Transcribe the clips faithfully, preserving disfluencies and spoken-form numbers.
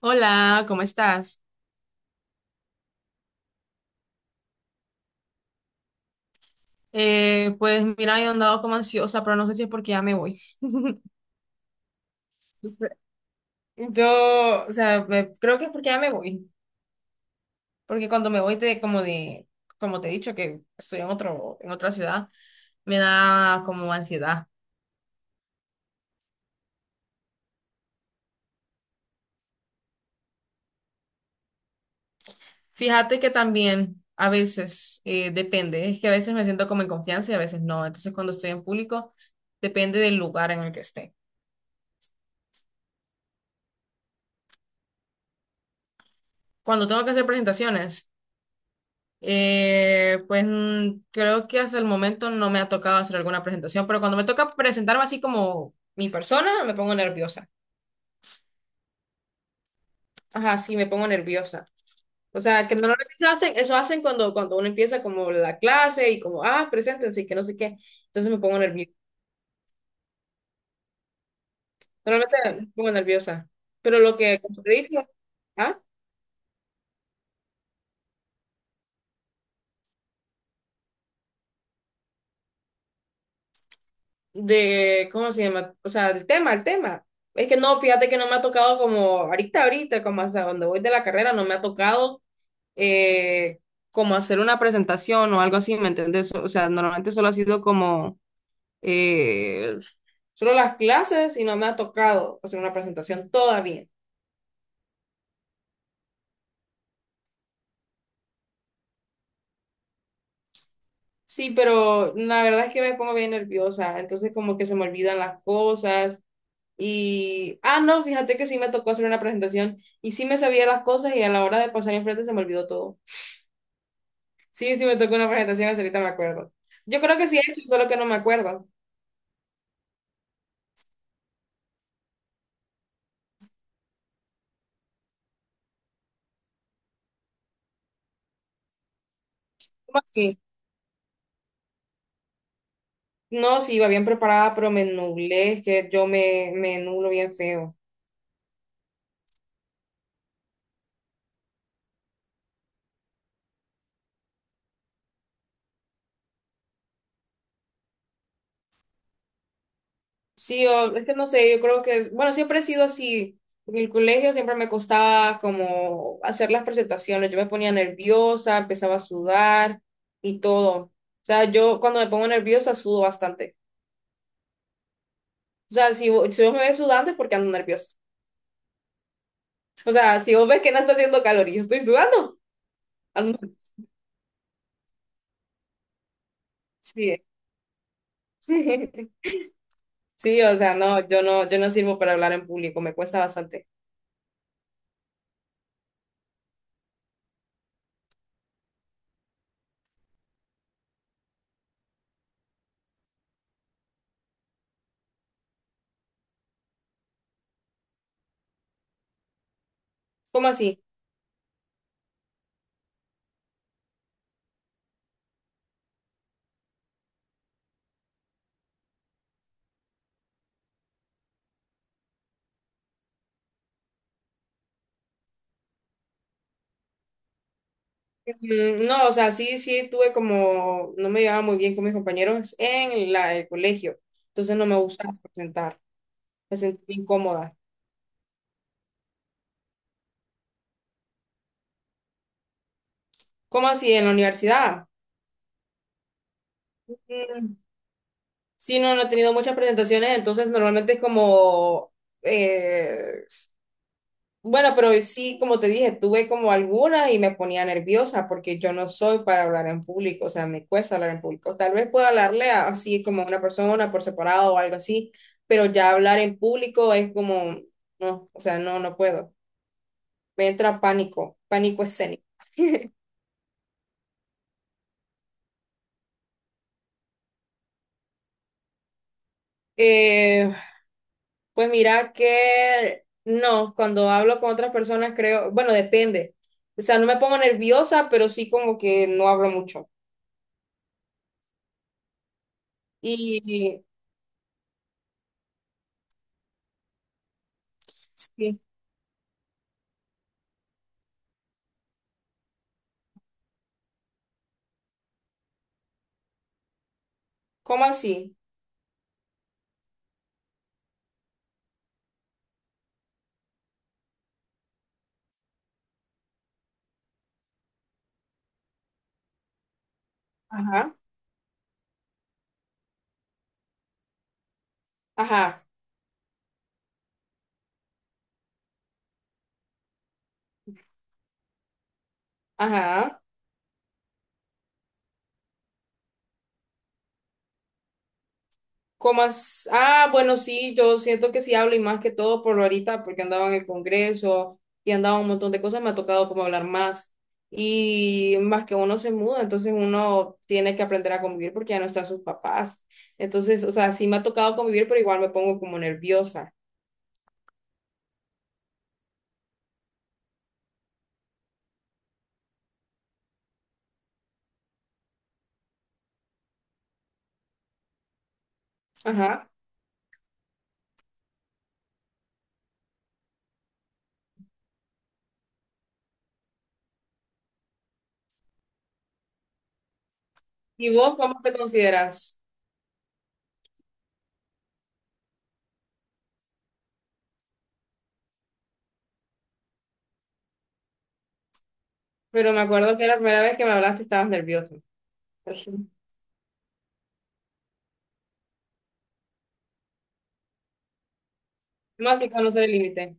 Hola, ¿cómo estás? Eh, pues mira, yo andado como ansiosa, pero no sé si es porque ya me voy. O sea, yo, o sea, me- creo que es porque ya me voy. Porque cuando me voy de, como de, como te he dicho, que estoy en otro, en otra ciudad, me da como ansiedad. Fíjate que también a veces eh, depende, es que a veces me siento como en confianza y a veces no. Entonces cuando estoy en público, depende del lugar en el que esté. Cuando tengo que hacer presentaciones. Eh, pues mm, creo que hasta el momento no me ha tocado hacer alguna presentación, pero cuando me toca presentarme así como mi persona, me pongo nerviosa. Ajá, sí, me pongo nerviosa. O sea, que normalmente eso hacen, eso hacen cuando, cuando uno empieza como la clase y como, ah, preséntense y que no sé qué. Entonces me pongo nerviosa. Normalmente me pongo nerviosa. Pero lo que, como te dije, ¿ah? De, ¿cómo se llama? O sea, el tema, el tema. Es que no, fíjate que no me ha tocado como ahorita, ahorita, como hasta donde voy de la carrera, no me ha tocado eh, como hacer una presentación o algo así, ¿me entendés? O sea, normalmente solo ha sido como eh, solo las clases y no me ha tocado hacer una presentación todavía. Sí, pero la verdad es que me pongo bien nerviosa, entonces como que se me olvidan las cosas y, ah, no, fíjate que sí me tocó hacer una presentación y sí me sabía las cosas y a la hora de pasar enfrente se me olvidó todo. Sí, sí me tocó una presentación, hasta ahorita me acuerdo. Yo creo que sí he hecho, solo que no me acuerdo. ¿Cómo así? No, sí, iba bien preparada, pero me nublé, es que yo me, me nublo bien feo. Sí, o- es que no sé, yo creo que, bueno, siempre he sido así. En el colegio siempre me costaba como hacer las presentaciones, yo me ponía nerviosa, empezaba a sudar y todo. O sea, yo cuando me pongo nerviosa sudo bastante. O sea, si, vo- si vos me ves sudando es porque ando nerviosa. O sea, si vos ves que no está haciendo calor y yo estoy sudando, ando... Sí. Sí, o sea, no, yo no, yo no sirvo para hablar en público, me cuesta bastante. ¿Cómo así? Mm, no, o sea, sí, sí tuve como, no me llevaba muy bien con mis compañeros en la, el colegio, entonces no me gustaba presentar, me sentí incómoda. ¿Cómo así en la universidad? Mm, sí, no, no he tenido muchas presentaciones, entonces normalmente es como, eh, bueno, pero sí, como te dije, tuve como algunas y me ponía nerviosa porque yo no soy para hablar en público, o sea, me cuesta hablar en público. Tal vez pueda hablarle a- así como a una persona por separado o algo así, pero ya hablar en público es como, no, o sea, no, no puedo. Me entra pánico, pánico escénico. Eh, pues mira que no, cuando hablo con otras personas creo, bueno, depende. O sea, no me pongo nerviosa, pero sí como que no hablo mucho. Y sí, ¿cómo así? Ajá, ajá, ajá. ¿Cómo as- Ah, bueno, sí, yo siento que sí hablo y más que todo por lo ahorita, porque andaba en el Congreso y andaba un montón de cosas, me ha tocado como hablar más. Y más que uno se muda, entonces uno tiene que aprender a convivir porque ya no están sus papás. Entonces, o sea, sí me ha tocado convivir, pero igual me pongo como nerviosa. Ajá. ¿Y vos cómo te consideras? Pero me acuerdo que la primera vez que me hablaste estabas nerviosa. Así. Más sin conocer el límite.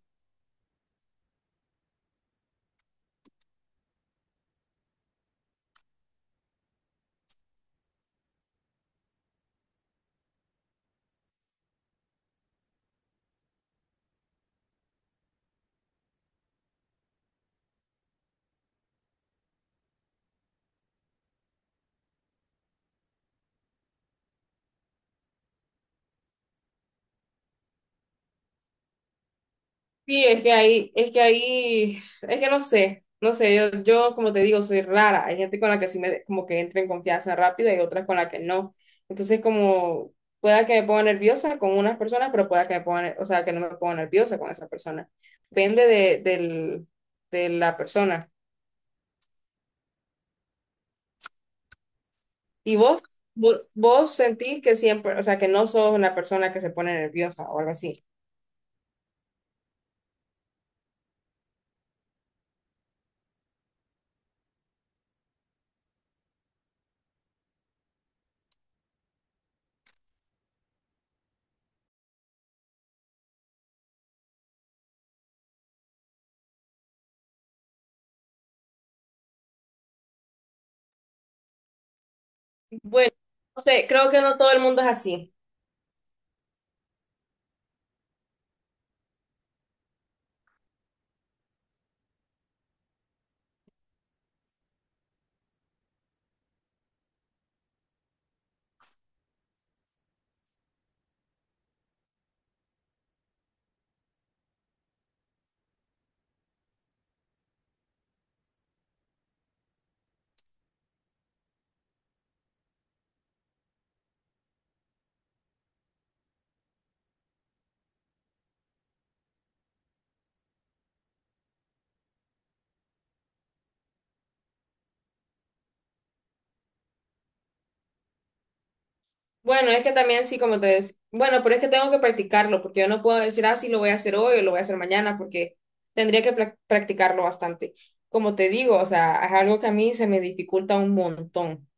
Sí, es que ahí, es que ahí, es que no sé, no sé, yo, yo como te digo, soy rara. Hay gente con la que sí me, como que entro en confianza rápido y otras con la que no. Entonces, como, pueda que me ponga nerviosa con unas personas, pero pueda que me ponga, ne- o sea, que no me ponga nerviosa con esa persona. Depende de, del, de la persona. ¿Y vos, vos, vos sentís que siempre, o sea, que no sos una persona que se pone nerviosa o algo así? Bueno, no sé, creo que no todo el mundo es así. Bueno, es que también sí, como te decía, bueno, pero es que tengo que practicarlo, porque yo no puedo decir, ah, sí, lo voy a hacer hoy o lo voy a hacer mañana, porque tendría que prac- practicarlo bastante. Como te digo, o sea, es algo que a mí se me dificulta un montón.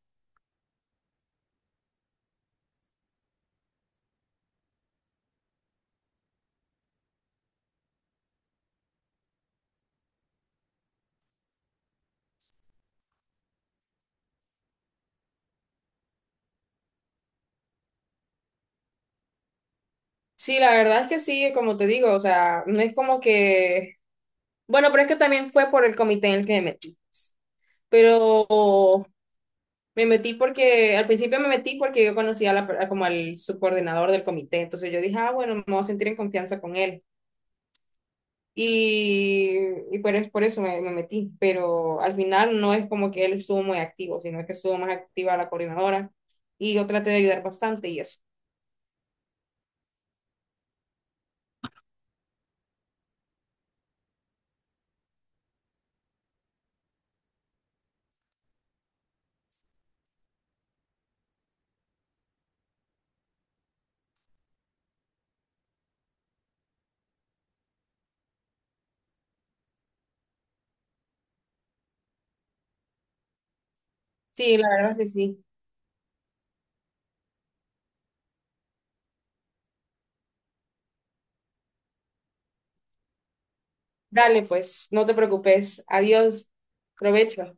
Sí, la verdad es que sí, como te digo, o sea, no es como que, bueno, pero es que también fue por el comité en el que me metí, pues. Pero me metí porque, al principio me metí porque yo conocía a la per- como al subcoordinador del comité, entonces yo dije, ah, bueno, me voy a sentir en confianza con él. Y, y por, es- por eso me, me metí, pero al final no es como que él estuvo muy activo, sino que estuvo más activa la coordinadora y yo traté de ayudar bastante y eso. Sí, la verdad es que sí. Dale, pues, no te preocupes. Adiós. Provecho.